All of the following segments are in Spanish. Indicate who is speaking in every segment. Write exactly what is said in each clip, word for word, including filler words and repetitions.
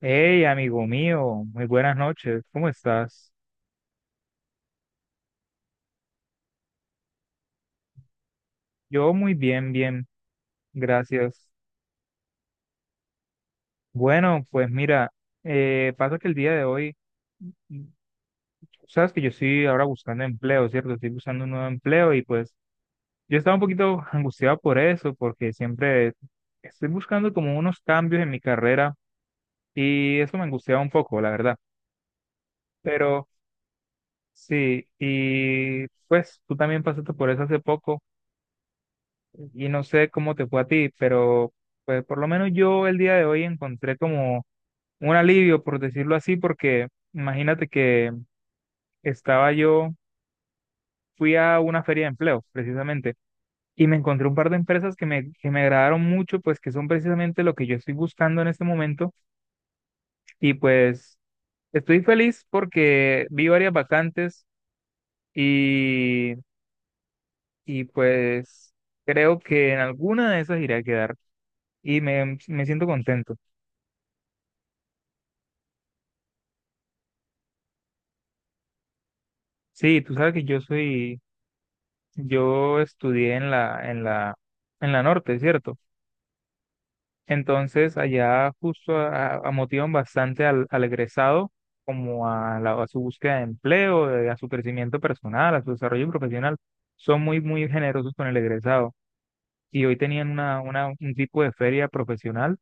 Speaker 1: Hey, amigo mío, muy buenas noches, ¿cómo estás? Yo muy bien, bien, gracias. Bueno, pues mira, eh, pasa que el día de hoy, mm, sabes que yo estoy ahora buscando empleo, ¿cierto? Estoy buscando un nuevo empleo y pues yo estaba un poquito angustiado por eso, porque siempre estoy buscando como unos cambios en mi carrera y eso me angustiaba un poco, la verdad. Pero sí, y pues tú también pasaste por eso hace poco. Y no sé cómo te fue a ti, pero pues por lo menos yo el día de hoy encontré como un alivio, por decirlo así, porque imagínate que estaba yo, fui a una feria de empleo, precisamente, y me encontré un par de empresas que me, que me agradaron mucho, pues que son precisamente lo que yo estoy buscando en este momento, y pues estoy feliz porque vi varias vacantes y, y pues creo que en alguna de esas iré a quedar y me, me siento contento. Sí, tú sabes que yo soy, yo estudié en la, en la, en la norte, ¿cierto? Entonces allá justo a- a- motivan bastante al, al egresado como a, la- a su búsqueda de empleo, eh, a su crecimiento personal, a su desarrollo profesional. Son muy, muy generosos con el egresado. Y hoy tenían una, una, un tipo de feria profesional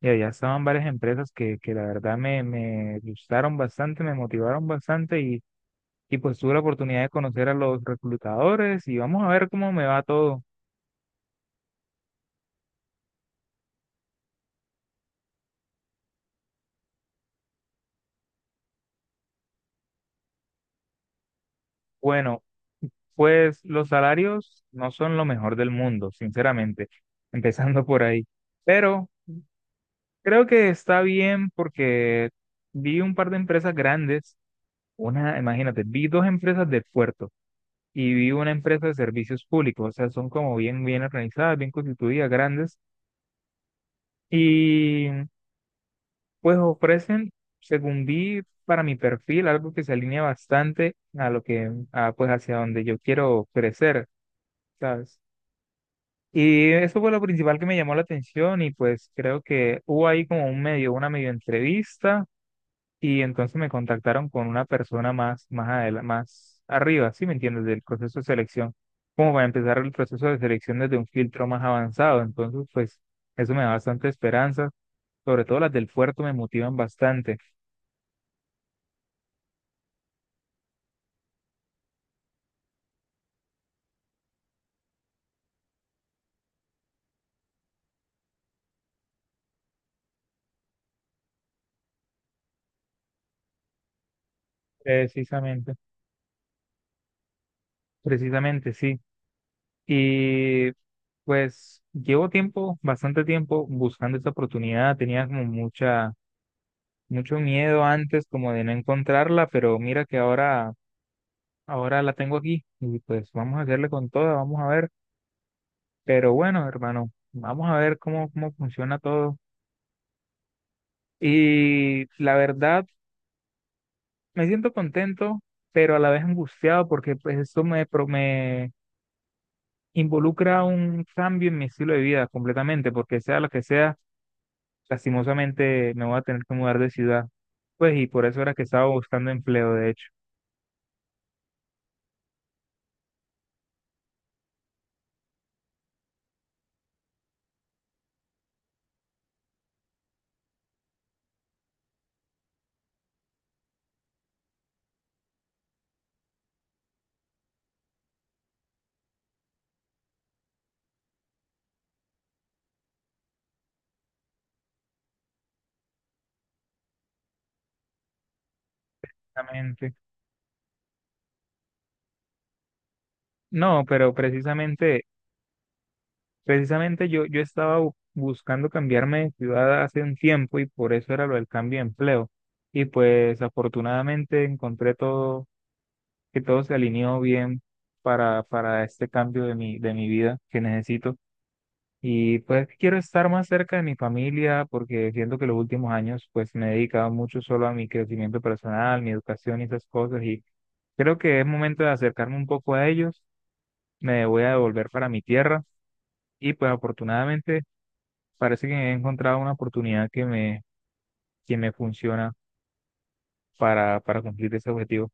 Speaker 1: y allá estaban varias empresas que, que la verdad me, me gustaron bastante, me motivaron bastante y pues tuve la oportunidad de conocer a los reclutadores y vamos a ver cómo me va todo. Bueno, pues los salarios no son lo mejor del mundo, sinceramente, empezando por ahí. Pero creo que está bien porque vi un par de empresas grandes, una, imagínate, vi dos empresas de puerto y vi una empresa de servicios públicos, o sea, son como bien, bien organizadas, bien constituidas, grandes. Y pues ofrecen, según vi, para mi perfil, algo que se alinea bastante a lo que, a, pues hacia donde yo quiero crecer, ¿sabes? Y eso fue lo principal que me llamó la atención y pues creo que hubo ahí como un medio, una medio entrevista y entonces me contactaron con una persona más, más adela- más arriba, ¿sí me entiendes? Del proceso de selección, como para empezar el proceso de selección desde un filtro más avanzado. Entonces, pues eso me da bastante esperanza, sobre todo las del puerto me motivan bastante. Precisamente, precisamente, sí. Y pues llevo tiempo, bastante tiempo buscando esta oportunidad. Tenía como mucha, mucho miedo antes como de no encontrarla, pero mira que ahora, ahora la tengo aquí y pues vamos a hacerle con toda, vamos a ver. Pero bueno, hermano, vamos a ver cómo, cómo funciona todo. Y la verdad, me siento contento, pero a la vez angustiado porque pues esto me, pro- me involucra un cambio en mi estilo de vida completamente, porque sea lo que sea, lastimosamente me voy a tener que mudar de ciudad. Pues y por eso era que estaba buscando empleo, de hecho. Precisamente. No, pero precisamente, precisamente yo, yo estaba bu- buscando cambiarme de ciudad hace un tiempo y por eso era lo del cambio de empleo. Y pues afortunadamente encontré todo, que todo se alineó bien para, para este cambio de mi, de mi vida que necesito. Y pues quiero estar más cerca de mi familia porque siento que los últimos años pues me he dedicado mucho solo a mi crecimiento personal, mi educación y esas cosas y creo que es momento de acercarme un poco a ellos. Me voy a devolver para mi tierra y pues afortunadamente parece que he encontrado una oportunidad que me, que me funciona para, para cumplir ese objetivo.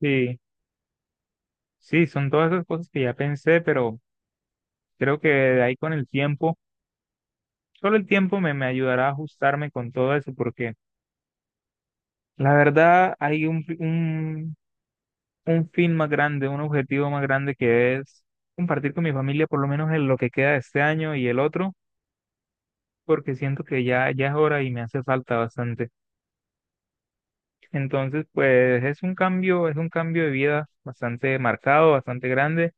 Speaker 1: Sí, sí, son todas esas cosas que ya pensé, pero creo que de ahí con el tiempo, solo el tiempo me, me ayudará a ajustarme con todo eso porque... La verdad, hay un, un, un fin más grande, un objetivo más grande que es compartir con mi familia por lo menos en lo que queda de este año y el otro, porque siento que ya, ya es hora y me hace falta bastante. Entonces, pues es un cambio, es un cambio de vida bastante marcado, bastante grande,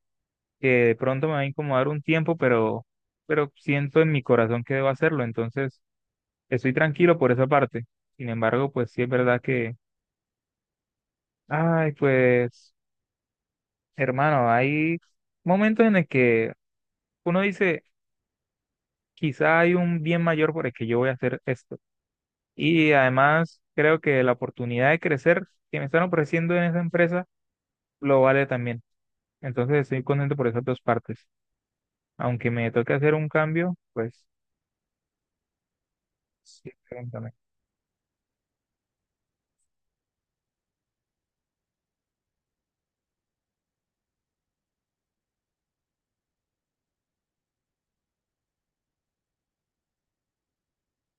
Speaker 1: que de pronto me va a incomodar un tiempo, pero, pero siento en mi corazón que debo hacerlo. Entonces, estoy tranquilo por esa parte. Sin embargo, pues sí es verdad que, ay, pues. Hermano, hay momentos en el que uno dice, quizá hay un bien mayor por el que yo voy a hacer esto. Y además, creo que la oportunidad de crecer que me están ofreciendo en esa empresa lo vale también. Entonces, estoy contento por esas dos partes. Aunque me toque hacer un cambio, pues sí, pregúntame.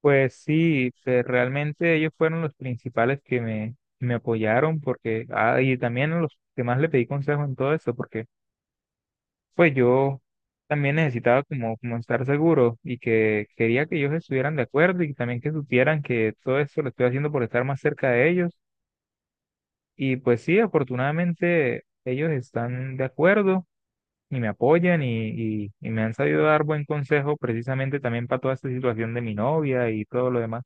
Speaker 1: Pues sí, que realmente ellos fueron los principales que me, me apoyaron porque, ah, y también los que más le pedí consejo en todo esto, porque pues yo también necesitaba como, como estar seguro y que quería que ellos estuvieran de acuerdo y también que supieran que todo esto lo estoy haciendo por estar más cerca de ellos. Y pues sí, afortunadamente ellos están de acuerdo y me apoyan y, y, y me han sabido dar buen consejo precisamente también para toda esta situación de mi novia y todo lo demás.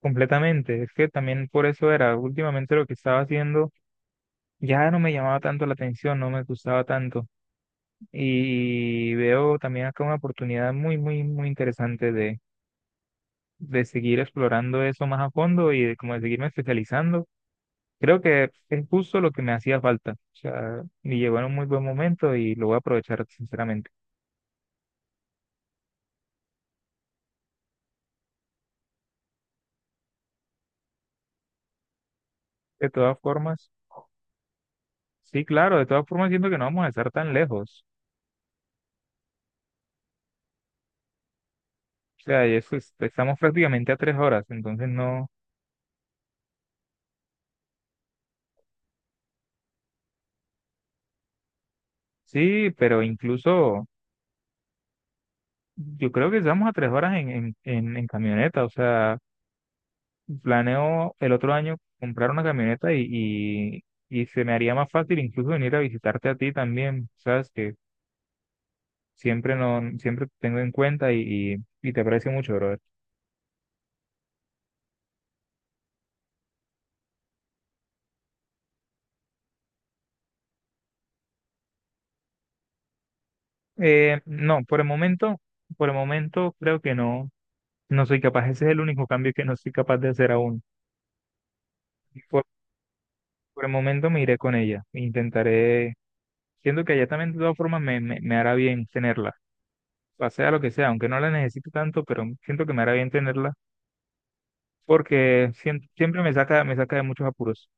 Speaker 1: Completamente, es que también por eso era, últimamente lo que estaba haciendo ya no me llamaba tanto la atención, no me gustaba tanto. Y veo también acá una oportunidad muy, muy, muy interesante de, de seguir explorando eso más a fondo y de, como de seguirme especializando. Creo que es justo lo que me hacía falta. O sea, me llegó en un muy buen momento y lo voy a aprovechar sinceramente. De todas formas, sí, claro, de todas formas siento que no vamos a estar tan lejos. O sea, y eso es- estamos prácticamente a tres horas, entonces no, sí, pero incluso yo creo que estamos a tres horas en, en, en en camioneta, o sea... Planeo el otro año comprar una camioneta y, y, y se me haría más fácil incluso venir a visitarte a ti también, sabes que siempre no, siempre te tengo en cuenta y, y, y te aprecio mucho, brother. Eh, no, por el momento, por el momento creo que no, no soy capaz, ese es el único cambio que no soy capaz de hacer aún. Por, por el momento me iré con ella, intentaré, siento que ella también de todas formas me, me, me hará bien tenerla. O sea lo que sea, aunque no la necesito tanto, pero siento que me hará bien tenerla porque siem- siempre me saca, me saca de muchos apuros.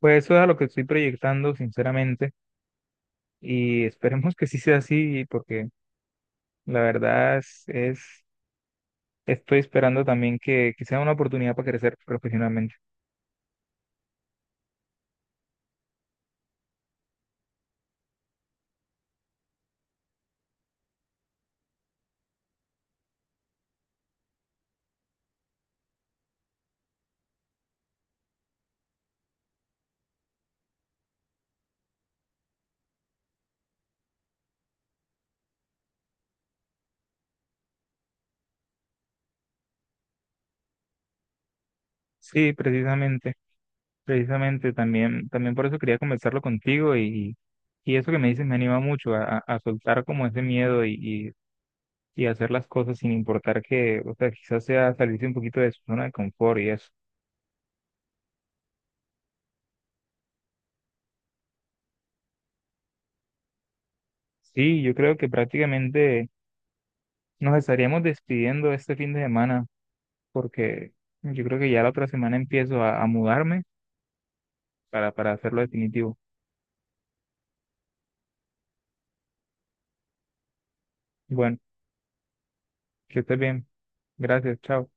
Speaker 1: Pues eso es a lo que estoy proyectando, sinceramente, y esperemos que sí sea así, porque la verdad es, es- estoy esperando también que, que sea una oportunidad para crecer profesionalmente. Sí, precisamente, precisamente, también, también por eso quería conversarlo contigo y, y eso que me dices me anima mucho a, a- a soltar como ese miedo y, y, y hacer las cosas sin importar que, o sea, quizás sea salirse un poquito de su zona de confort y eso. Sí, yo creo que prácticamente nos estaríamos despidiendo este fin de semana porque yo creo que ya la otra semana empiezo a, a mudarme para, para hacerlo definitivo. Bueno, que estés bien. Gracias, chao.